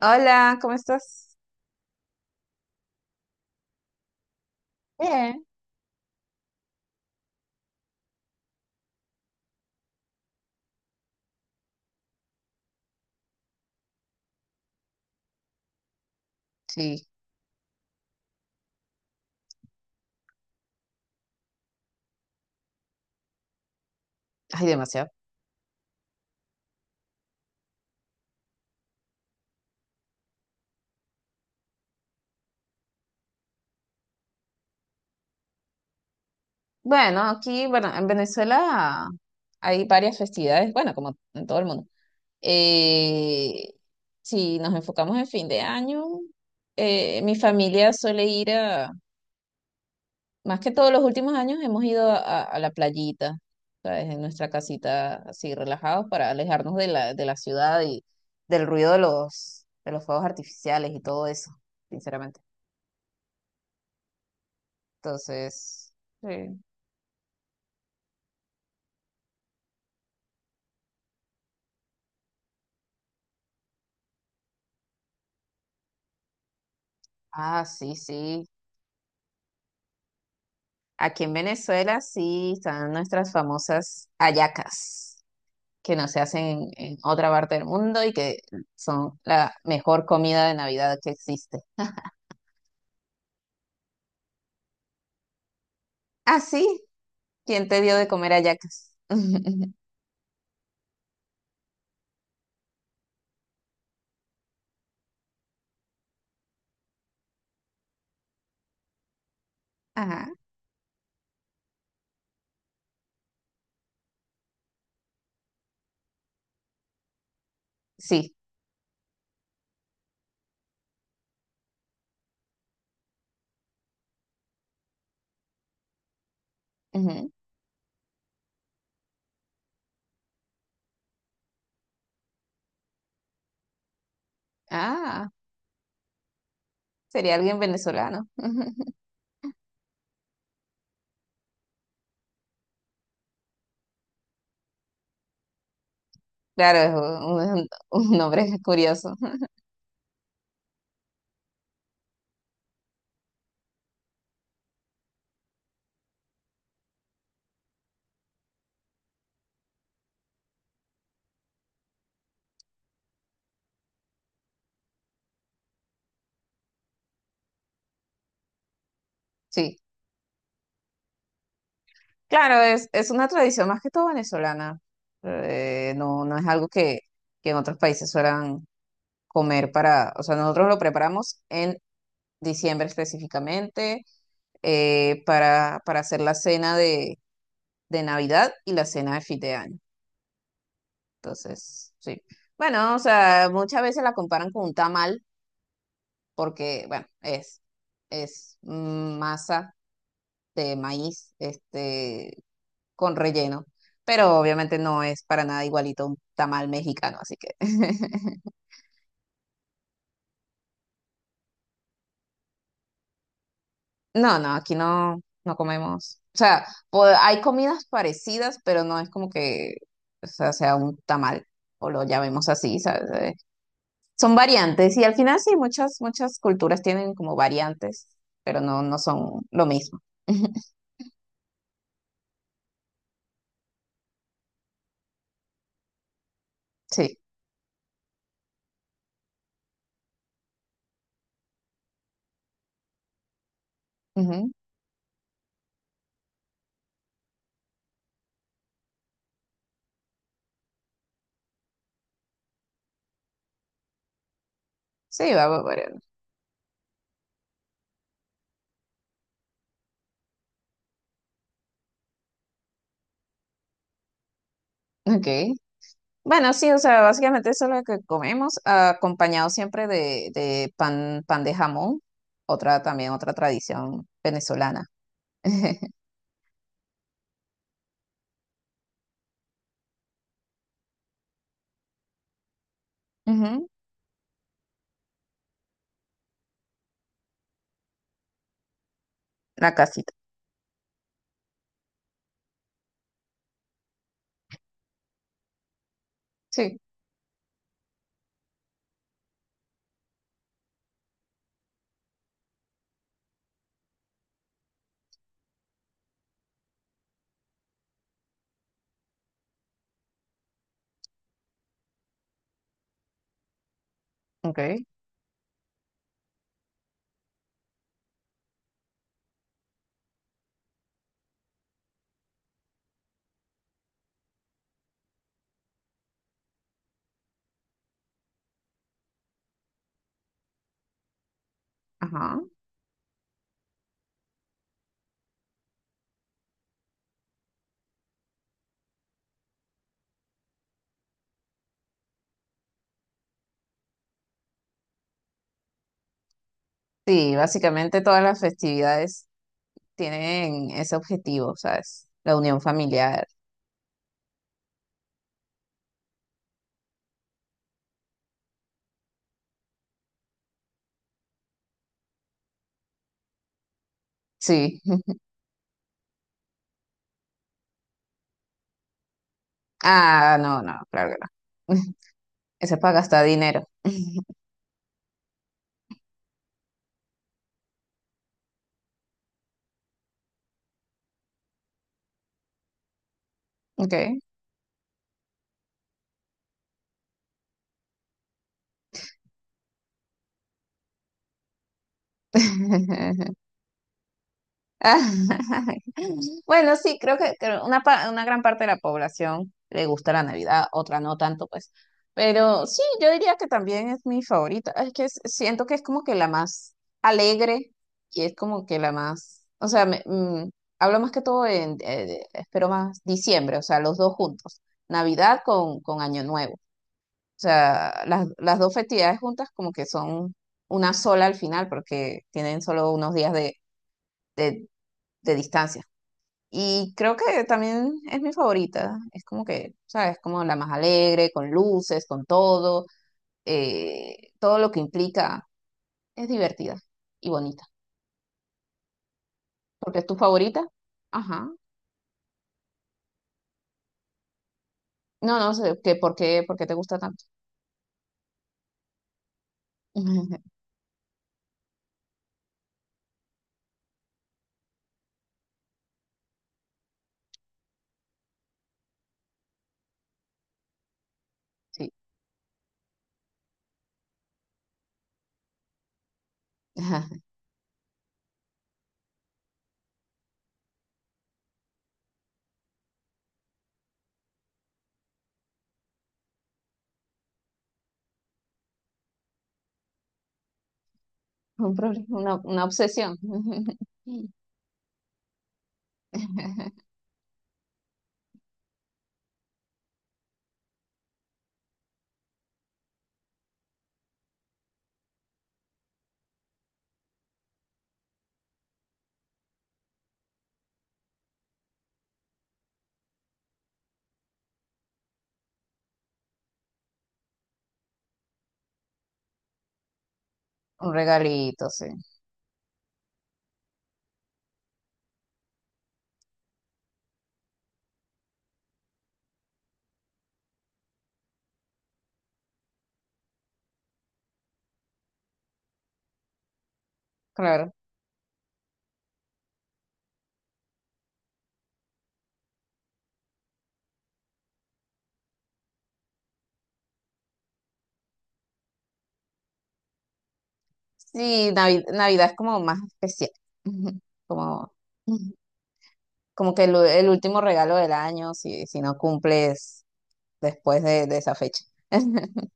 Hola, ¿cómo estás? Bien. Sí, hay demasiado. Bueno, aquí, bueno, en Venezuela hay varias festividades, bueno, como en todo el mundo. Eh, si nos enfocamos en fin de año, mi familia suele ir a, más que todos los últimos años, hemos ido a la playita, ¿sabes? En nuestra casita, así relajados, para alejarnos de de la ciudad y del ruido de de los fuegos artificiales y todo eso, sinceramente. Entonces... Sí. Ah, sí, sí. Aquí en Venezuela sí están nuestras famosas hallacas, que no se hacen en otra parte del mundo y que son la mejor comida de Navidad que existe. Ah, sí. ¿Quién te dio de comer hallacas? Ajá, sí. Ujú. Ah, sería alguien venezolano. Claro, es un nombre curioso. Sí. Claro, es una tradición más que todo venezolana. No, no es algo que en otros países suelan comer para, o sea, nosotros lo preparamos en diciembre específicamente para hacer la cena de Navidad y la cena de fin de año. Entonces, sí. Bueno, o sea, muchas veces la comparan con un tamal porque, bueno, es masa de maíz, este, con relleno, pero obviamente no es para nada igualito a un tamal mexicano, así que. No, no, aquí no, no comemos. O sea, po- hay comidas parecidas, pero no es como que, o sea, sea un tamal o lo llamemos así, ¿sabes? Son variantes y al final sí, muchas, muchas culturas tienen como variantes, pero no, no son lo mismo. Sí, ujú. Sí, va variando. Okay. Bueno, sí, o sea, básicamente eso es lo que comemos, acompañado siempre de pan, pan de jamón, otra también, otra tradición venezolana. Ujú. La casita. Sí, ok, ajá. Sí, básicamente todas las festividades tienen ese objetivo, ¿sabes? La unión familiar. Sí. Ah, no, no, claro que no. Eso es para gastar dinero. Ok. Ah, bueno, sí, creo que una, pa- una gran parte de la población le gusta la Navidad, otra no tanto, pues. Pero sí, yo diría que también es mi favorita. Es que es- siento que es como que la más alegre y es como que la más, o sea, me- hablo más que todo en, de- espero más, diciembre, o sea, los dos juntos, Navidad con Año Nuevo. O sea, las dos festividades juntas como que son una sola al final porque tienen solo unos días de de distancia. Y creo que también es mi favorita. Es como que, ¿sabes? Como la más alegre, con luces, con todo. Todo lo que implica es divertida y bonita. Porque es tu favorita. Ajá. No, no sé, que por qué te gusta tanto? Sí. Un problema, una obsesión. Un regalito, sí. Claro. Sí, Navi- Navidad es como más especial. Como. Como que el, u- el último regalo del año, si, si no cumples después de esa fecha.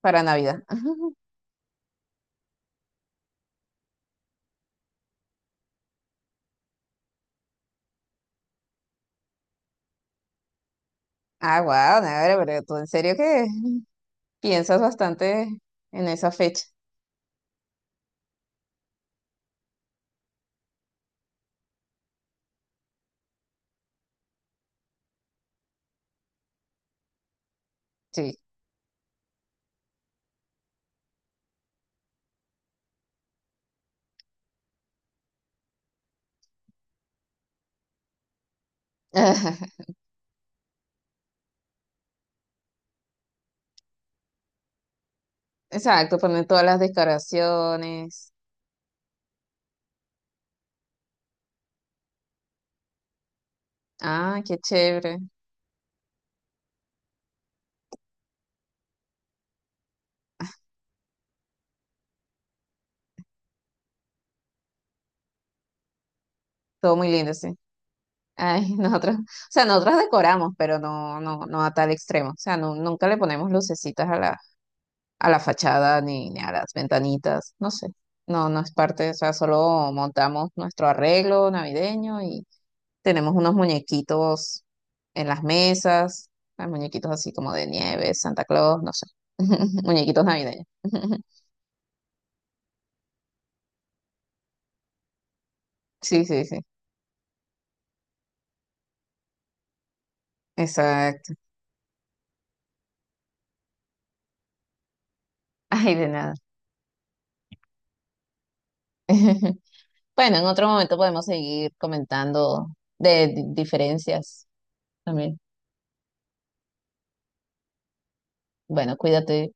Para Navidad. Ah, wow, Navidad, pero tú en serio que piensas bastante en esa fecha. Sí. Exacto, ponen todas las decoraciones. Ah, qué chévere. Todo muy lindo, sí. Ay, nosotros, o sea, nosotros decoramos, pero no, no, no a tal extremo. O sea, no- nunca le ponemos lucecitas a la fachada ni, ni a las ventanitas, no sé. No, no es parte, o sea, solo montamos nuestro arreglo navideño y tenemos unos muñequitos en las mesas, hay muñequitos así como de nieve, Santa Claus, no sé, muñequitos navideños. Sí, sí, sí, exacto. Ay, de nada. Bueno, en otro momento podemos seguir comentando de di- diferencias también. Bueno, cuídate.